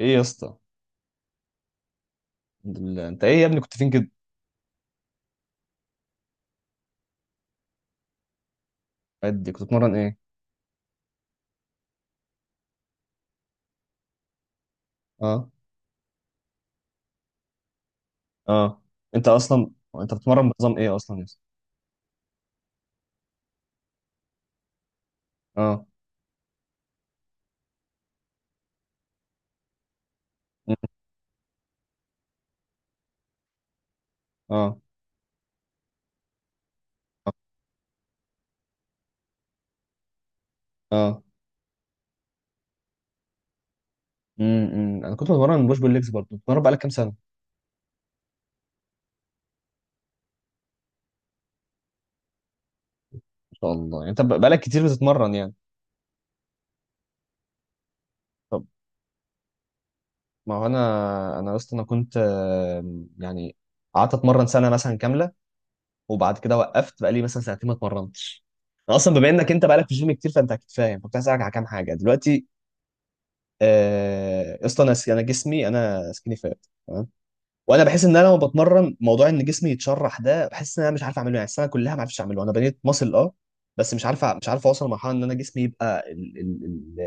ايه يا اسطى؟ الحمد لله. انت ايه يا ابني؟ كنت فين كده؟ قد كنت بتتمرن ايه؟ اه. اه. انت اصلا بتتمرن بنظام ايه اصلا يا اسطى؟ اه. مم. اه. اه. امم، انا كنت بتمرن بوش بول ليجز برضه. بتتمرن بقالك كام سنه؟ ما شاء الله، يعني انت بقالك كتير بتتمرن يعني. طب، ما هو انا يا اسطى، انا كنت يعني قعدت اتمرن سنه مثلا كامله، وبعد كده وقفت بقالي مثلا سنتين ما اتمرنتش. انا اصلا بما انك انت بقالك في الجيم كتير فانت اكيد فاهم، كنت هسالك على كام حاجه دلوقتي. يا اسطى، انا جسمي انا سكيني فات تمام. وانا بحس ان انا لما بتمرن موضوع ان جسمي يتشرح ده بحس ان انا مش عارف اعمله، يعني السنه كلها ما عرفتش اعمله. انا بنيت ماسل اه، بس مش عارف اوصل لمرحله ان انا جسمي يبقى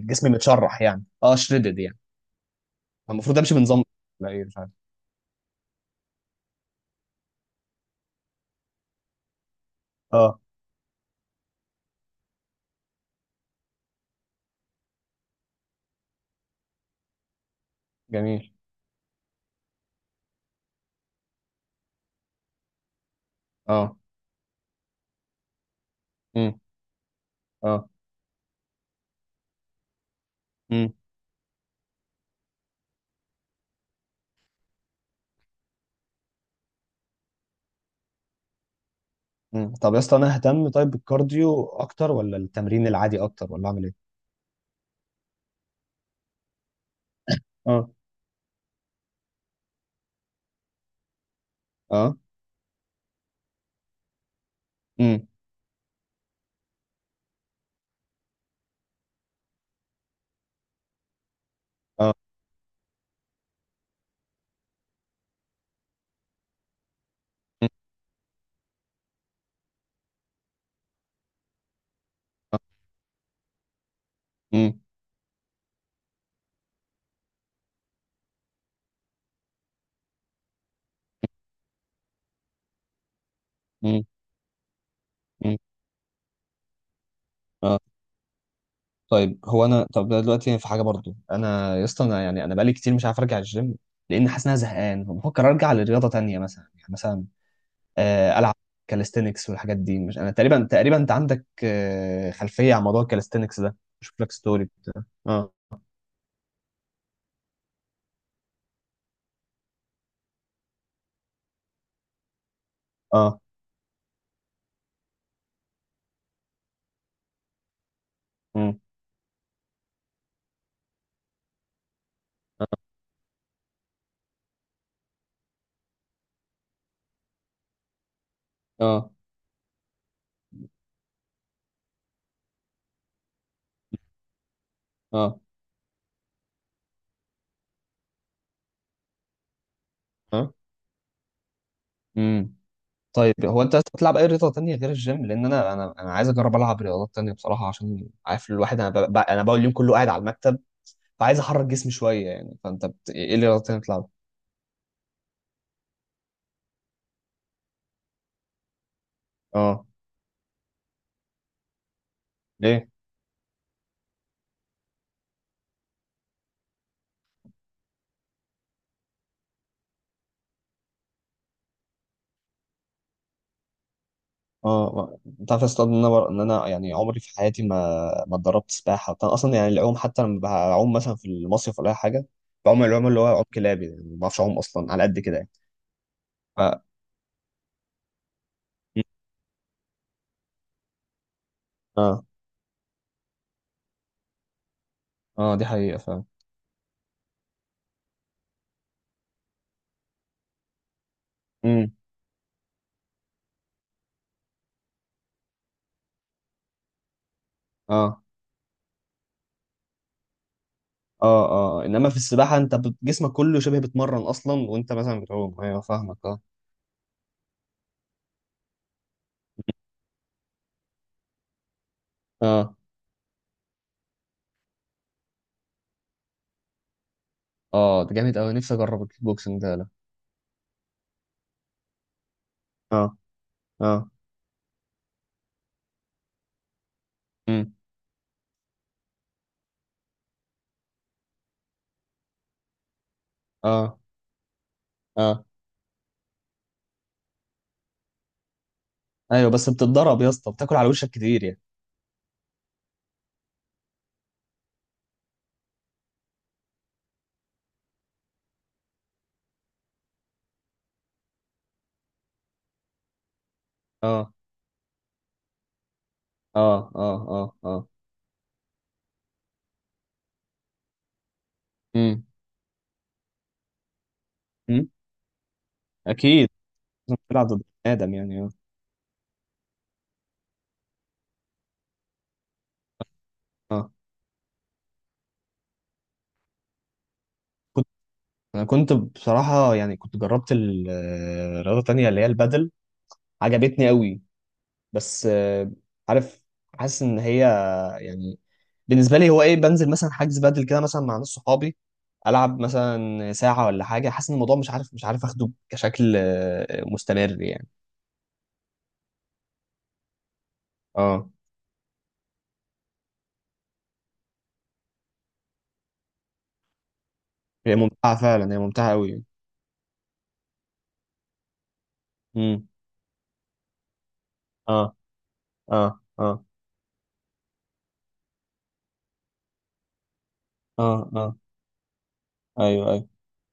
الجسم متشرح، يعني اه شريدد يعني. المفروض امشي بنظام. لا، ايه؟ مش عارف. اه. جميل. اه. امم. اه. امم. امم. طب يا اسطى، انا اهتم طيب بالكارديو اكتر، ولا التمرين العادي اكتر، ولا اعمل ايه؟ اه. اه. امم. اه. امم. امم. امم. طيب هو انا، طب دلوقتي في حاجه برضو، انا يا اسطى انا يعني انا بقالي كتير مش عارف ارجع الجيم، لان حاسس ان انا زهقان، فبفكر ارجع لرياضه تانية مثلا، يعني مثلا العب كاليستينكس والحاجات دي، مش انا تقريبا تقريبا انت عندك خلفيه عن موضوع الكاليستينكس ده، بشوف لك ستوري بتاع، اه. اه. امم. اه. اه. اه. امم. طيب هو انت أصلاً بتلعب اي رياضه تانية غير الجيم؟ لان انا عايز اجرب العب رياضات تانية بصراحه، عشان عارف الواحد، انا انا بقول اليوم كله قاعد على المكتب، فعايز احرك جسمي شويه يعني. فانت ايه اللي غلطتني؟ بتلعب؟ اه. ليه؟ اه انت عارف يا اسطى ان انا ان انا يعني عمري في حياتي ما اتدربت سباحه بتاع اصلا، يعني العوم. حتى لما بعوم مثلا في المصيف ولا اي حاجه بعوم العوم اللي هو عوم كلابي يعني، ما بعرفش اعوم اصلا على قد كده يعني. ف... م. اه. اه، دي حقيقه فعلا. امم. اه. اه. اه. انما في السباحه انت جسمك كله شبه بيتمرن اصلا وانت مثلا بتعوم. ايوه فاهمك. اه. اه. اه، ده جامد قوي. نفسي اجرب الكيك بوكسنج ده. لا؟ اه. اه. امم. اه. اه. ايوه، بس بتتضرب يا اسطى، بتاكل على وشك كتير يعني. اه. اه. اه. اه. اه. امم. امم. اكيد. لازم تلعب ضد بني ادم يعني، اه. اه. كنت، انا كنت بصراحه يعني كنت جربت رياضه تانية اللي هي البادل. عجبتني قوي. بس عارف، حاسس ان هي، يعني بالنسبه لي هو ايه، بنزل مثلا حجز بادل كده مثلا مع ناس صحابي، العب مثلا ساعه ولا حاجه، حاسس ان الموضوع مش عارف، مش عارف اخده كشكل مستمر يعني. اه، هي ممتعه فعلا، هي ممتعه قوي. امم. اه. اه. اه. اه. اه. ايوه. ايوه.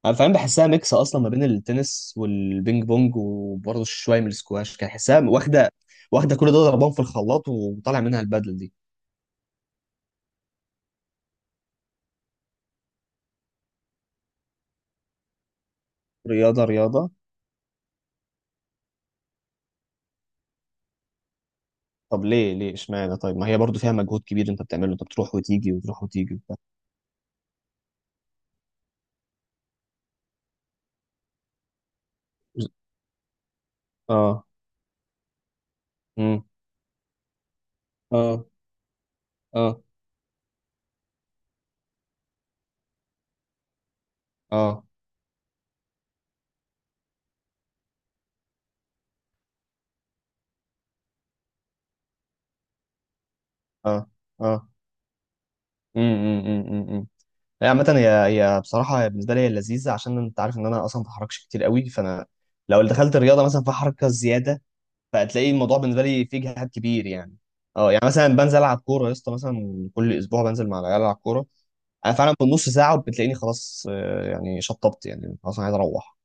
انا فاهم، بحسها ميكس اصلا ما بين التنس والبينج بونج وبرضه شويه من السكواش، كان حسها واخده. واخده كل دول ضربان في الخلاط، وطالع منها البدل دي. رياضه رياضه. طب ليه؟ ليه اشمعنى؟ طيب ما هي برضه فيها مجهود كبير، انت بتعمله، انت بتروح وتيجي وتروح وتيجي وبتاع. اه. امم. اه. اه. اه. اه. اه. امم. هي عامة، هي بصراحة هي بالنسبة لي هي لذيذة، عشان أنت عارف إن أنا أصلا ما بتحركش كتير قوي. فأنا لو دخلت الرياضة مثلا فيها حركة زيادة، فهتلاقي الموضوع بالنسبة لي فيه جهاد كبير يعني. أه، يعني مثلا بنزل ألعب كورة يا اسطى، مثلا كل أسبوع بنزل مع العيال ألعب كورة، أنا فعلا في نص ساعة وبتلاقيني خلاص يعني شطبت، يعني خلاص أنا عايز أروح.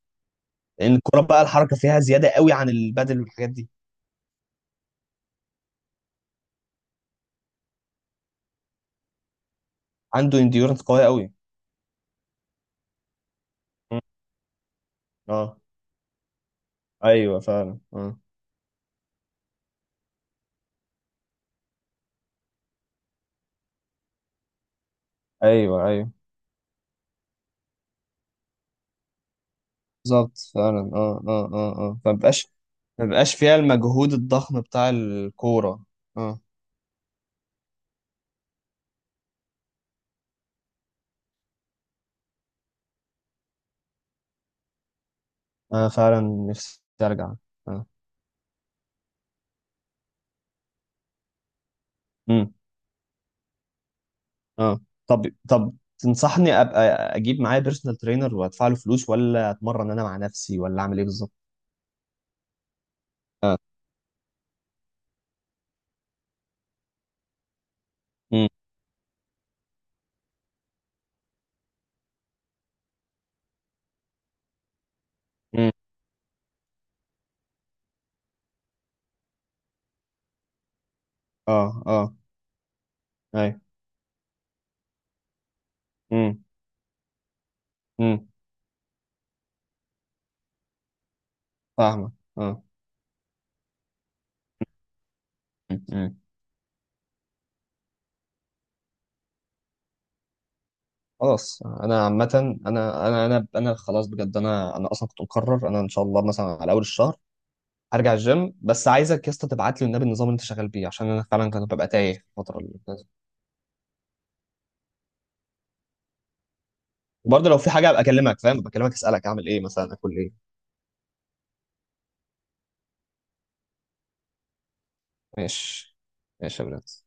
لأن الكورة بقى الحركة فيها زيادة قوي عن البادل والحاجات دي. عنده انديورنس قوية قوي. أه. أيوه فعلا. أه. أيوه. أيوه. بالظبط فعلا. اه. اه. اه. اه. فمبقاش فيها المجهود الضخم بتاع الكورة. اه. انا فعلا نفسي ارجع. اه. امم. اه. طب، تنصحني ابقى اجيب معايا بيرسونال ترينر وادفع له فلوس، ولا اتمرن انا مع نفسي، ولا اعمل ايه بالظبط؟ امم. امم. اه. اه. ايوه. امم. امم. فاهمك. اه. أمم. أمم. خلاص انا عامه، انا انا خلاص بجد، انا اصلا كنت مقرر انا ان شاء الله مثلا على اول الشهر هرجع الجيم، بس عايزك يا اسطى تبعت لي والنبي النظام اللي انت شغال بيه، عشان انا فعلا كنت ببقى تايه في الفتره اللي فاتت. وبرضه لو في حاجه ابقى اكلمك، فاهم، ابقى اكلمك اسالك اعمل ايه مثلا، اكل ايه. ماشي. ماشي يا برنس.